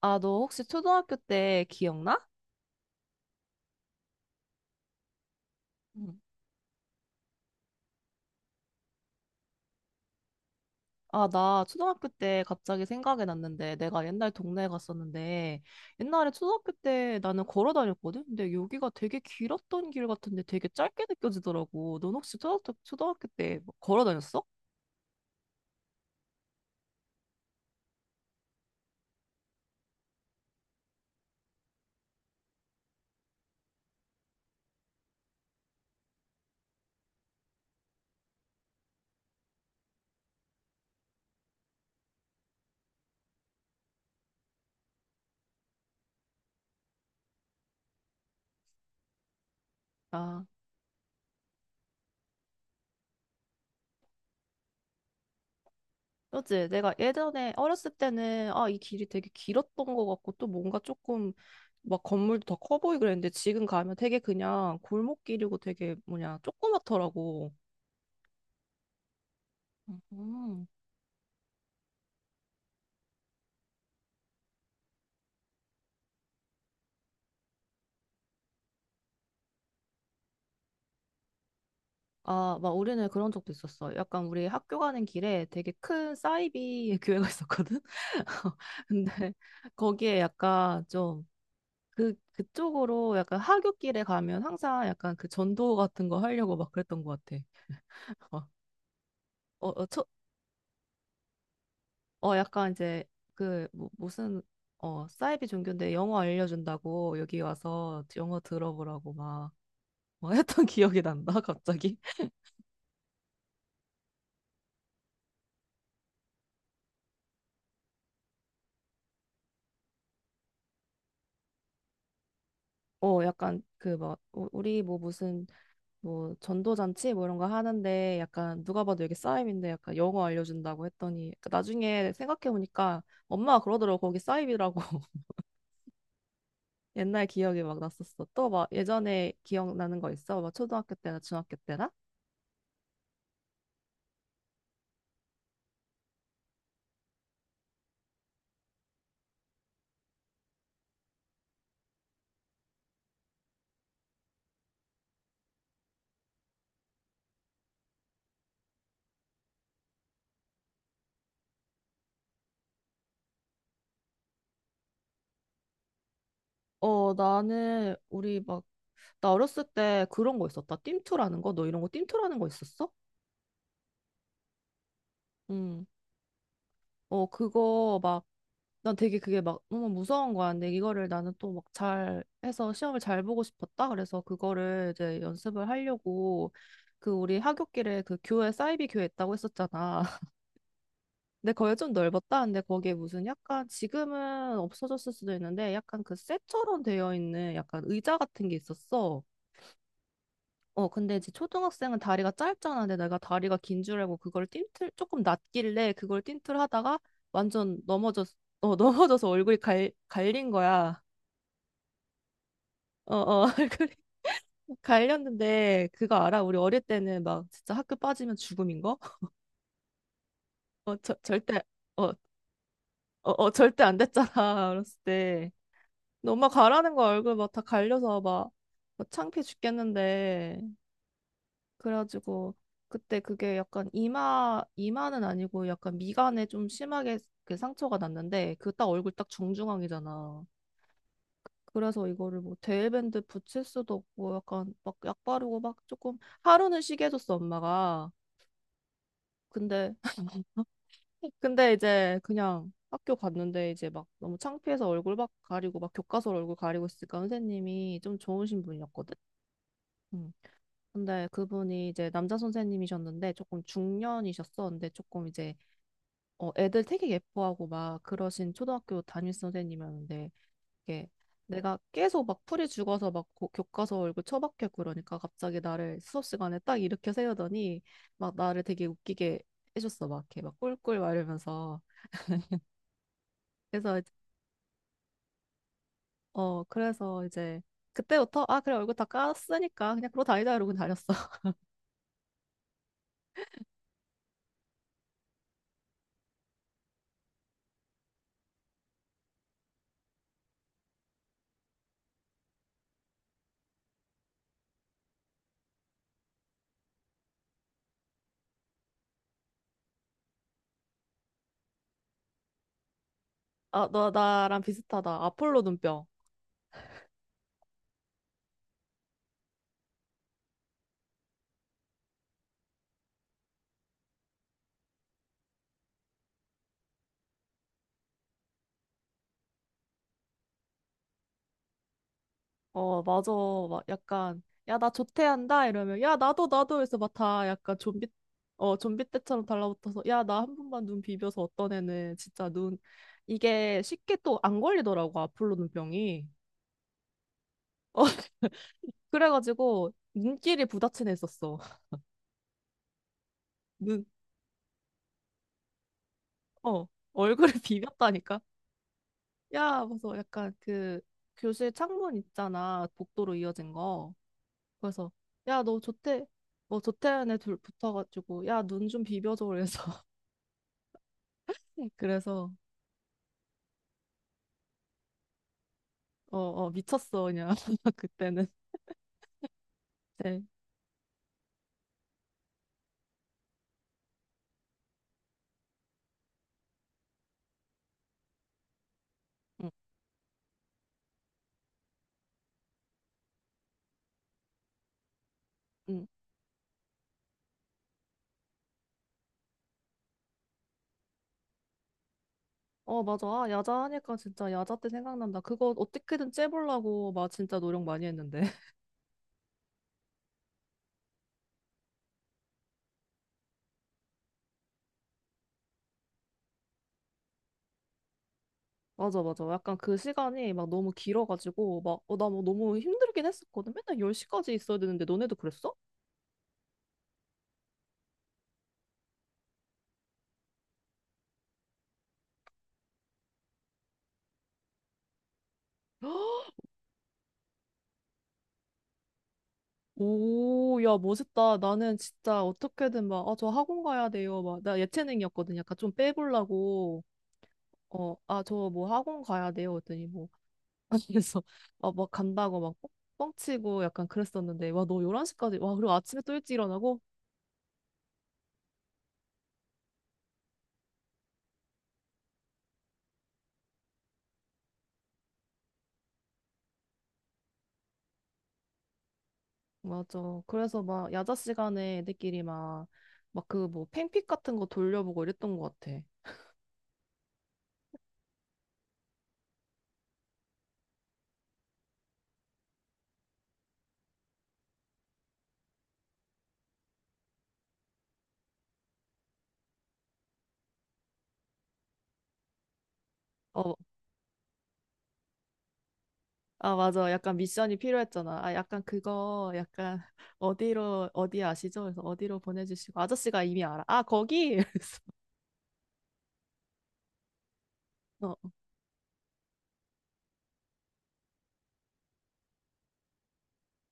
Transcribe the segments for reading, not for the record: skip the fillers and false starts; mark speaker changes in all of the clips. Speaker 1: 아, 너 혹시 초등학교 때 기억나? 응. 아, 나 초등학교 때 갑자기 생각이 났는데, 내가 옛날 동네에 갔었는데, 옛날에 초등학교 때 나는 걸어 다녔거든? 근데 여기가 되게 길었던 길 같은데 되게 짧게 느껴지더라고. 넌 혹시 초등학교 때뭐 걸어 다녔어? 아, 그렇지. 내가 예전에 어렸을 때는, 아, 이 길이 되게 길었던 것 같고, 또 뭔가 조금 막 건물도 더 커 보이고 그랬는데, 지금 가면 되게 그냥 골목길이고 되게 뭐냐, 조그맣더라고. 음. 아, 막 우리는 그런 적도 있었어. 약간 우리 학교 가는 길에 되게 큰 사이비 교회가 있었거든. 근데 거기에 약간 좀 그쪽으로 약간 하굣길에 가면 항상 약간 그 전도 같은 거 하려고 막 그랬던 것 같아. 어, 어, 초, 어 약간 이제 그 뭐, 무슨 어 사이비 종교인데 영어 알려준다고 여기 와서 영어 들어보라고 막, 막 했던 기억이 난다, 갑자기. 어, 약간 그 막 우리 뭐 무슨 뭐 전도잔치 뭐 이런 거 하는데 약간 누가 봐도 여기 싸임인데 약간 영어 알려준다고 했더니 그 나중에 생각해 보니까 엄마가 그러더라고, 거기 싸임이라고. 옛날 기억이 막 났었어. 또 막 예전에 기억나는 거 있어? 막 초등학교 때나 중학교 때나? 어, 나는 우리 막, 나 어렸을 때 그런 거 있었다. 띰투라는 거? 너 이런 거 띰투라는 거 있었어? 응. 어 그거 막 난 되게 그게 막 너무 무서운 거야. 근데 이거를 나는 또 막 잘 해서 시험을 잘 보고 싶었다. 그래서 그거를 이제 연습을 하려고, 그 우리 하굣길에 그 교회 사이비 교회 있다고 했었잖아. 근데 거기 좀 넓었다. 근데 거기에 무슨 약간 지금은 없어졌을 수도 있는데 약간 그 쇠처럼 되어 있는 약간 의자 같은 게 있었어. 어, 근데 이제 초등학생은 다리가 짧잖아. 근데 내가 다리가 긴 줄 알고 그걸 띵틀 조금 낮길래 그걸 띵틀 하다가 완전 넘어졌, 어, 넘어져서 얼굴이 갈린 거야. 어, 어, 그래. 갈렸는데, 그거 알아? 우리 어릴 때는 막 진짜 학교 빠지면 죽음인 거? 저, 절대, 어, 어, 어, 절대 안 됐잖아. 어렸을 때. 근데 엄마 가라는 거 얼굴 막 다 갈려서 막, 막 창피해 죽겠는데. 그래가지고, 그때 그게 약간 이마는 아니고 약간 미간에 좀 심하게 그 상처가 났는데, 그 딱 얼굴 딱 정중앙이잖아. 그래서 이거를 뭐 데일밴드 붙일 수도 없고 약간 막 약 바르고 막 조금 하루는 쉬게 해줬어 엄마가. 근데 근데 이제 그냥 학교 갔는데 이제 막 너무 창피해서 얼굴 막 가리고 막 교과서 얼굴 가리고 있으니까 선생님이 좀 좋으신 분이었거든. 음. 근데 그분이 이제 남자 선생님이셨는데 조금 중년이셨어. 근데 조금 이제 어 애들 되게 예뻐하고 막 그러신 초등학교 담임 선생님이었는데, 이게 내가 계속 막 풀이 죽어서 막 교과서 얼굴 처박혀 있고 그러니까 갑자기 나를 수업 시간에 딱 일으켜 세우더니 막 나를 되게 웃기게 해줬어. 막 이렇게 막 꿀꿀 말하면서. 그래서 이제-, 어 그래서 이제 그때부터, 아 그래 얼굴 다 깠으니까 그냥 그러고 다니자, 이러고 다녔어. 아 너 나랑 비슷하다. 아폴로 눈병. 어 맞아. 막 약간, 야 나 조퇴한다 이러면 야 나도 나도, 그래서 막 다 약간 좀비, 어 좀비 때처럼 달라붙어서 야 나 한 번만 눈 비벼서. 어떤 애는 진짜 눈 이게 쉽게 또 안 걸리더라고 아폴로 눈병이. 어 그래가지고 눈길이 부딪힌 애 있었어. 눈, 어, 얼굴에 비볐다니까. 야, 그래서 약간 그 교실 창문 있잖아. 복도로 이어진 거. 그래서 야, 너 조태 뭐 조태현에 둘 붙어가지고 야, 눈 좀 비벼줘. 그래서 그래서 어, 어 미쳤어 그냥 그때는. 네. 응. 응. 어, 맞아. 아, 야자 하니까 진짜 야자 때 생각난다. 그거 어떻게든 째보려고 막 진짜 노력 많이 했는데. 맞아, 맞아. 약간 그 시간이 막 너무 길어가지고 막, 어, 나 뭐 너무 힘들긴 했었거든. 맨날 10시까지 있어야 되는데 너네도 그랬어? 오, 야, 멋있다. 나는 진짜 어떻게든 막, 아, 저 학원 가야 돼요. 막, 나 예체능이었거든. 약간 좀 빼보려고, 어, 아, 저 뭐 학원 가야 돼요. 그랬더니 뭐, 그래서, 아, 막 간다고 막 뻥-, 뻥치고 약간 그랬었는데, 와, 너 11시까지, 와, 그리고 아침에 또 일찍 일어나고? 맞아. 그래서 막, 야자 시간에 애들끼리 막, 막 그 뭐, 팽픽 같은 거 돌려보고 이랬던 것 같아. 어, 아, 맞아. 약간 미션이 필요했잖아. 아, 약간 그거, 약간, 어디로, 어디 아시죠? 그래서 어디로 보내주시고. 아저씨가 이미 알아. 아, 거기! 그래서, 어,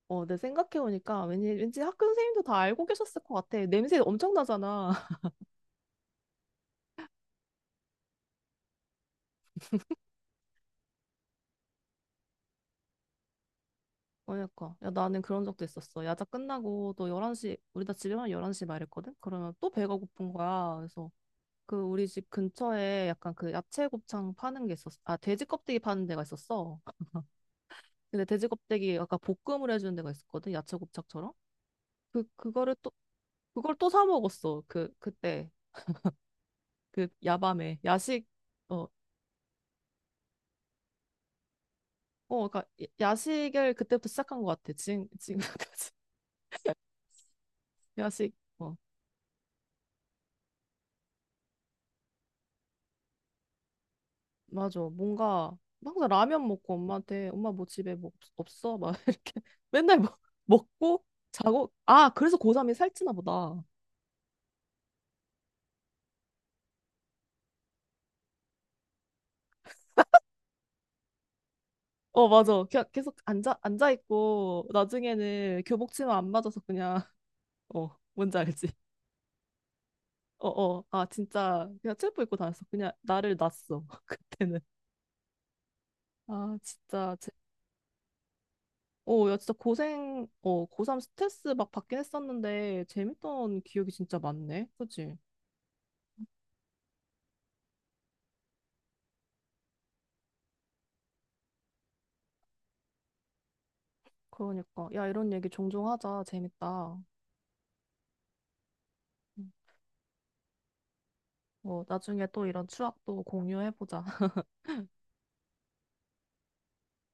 Speaker 1: 어, 내 생각해보니까 왠지, 왠지 학교 선생님도 다 알고 계셨을 것 같아. 냄새 엄청 나잖아. 그러니까. 야, 나는 그런 적도 있었어. 야자 끝나고 또 11시, 우리 다 집에만 11시 말했거든? 그러면 또 배가 고픈 거야. 그래서 그 우리 집 근처에 약간 그 야채 곱창 파는 게 있었어. 아, 돼지 껍데기 파는 데가 있었어. 근데 돼지 껍데기 아까 볶음을 해주는 데가 있었거든. 야채 곱창처럼. 그거를 또 그걸 또 사 먹었어. 그 그때 그 야밤에 야식, 어, 어 그러니까 야식을 그때부터 시작한 것 같아. 지금까지 야식 어 맞아. 뭔가 항상 라면 먹고 엄마한테, 엄마 뭐 집에 뭐 없어 막 이렇게 맨날 먹 먹고 자고. 아 그래서 고3이 살찌나 보다. 어 맞아. 그냥 계속 앉아 있고 나중에는 교복 치마 안 맞아서 그냥 어 뭔지 알지? 어어 아 진짜 그냥 체육복 입고 다녔어. 그냥 나를 놨어 그때는. 아 진짜 제... 어야 진짜 고생, 어 고3 스트레스 막 받긴 했었는데 재밌던 기억이 진짜 많네 그치? 그러니까. 야 이런 얘기 종종 하자, 재밌다. 음. 어 나중에 또 이런 추억도 공유해보자.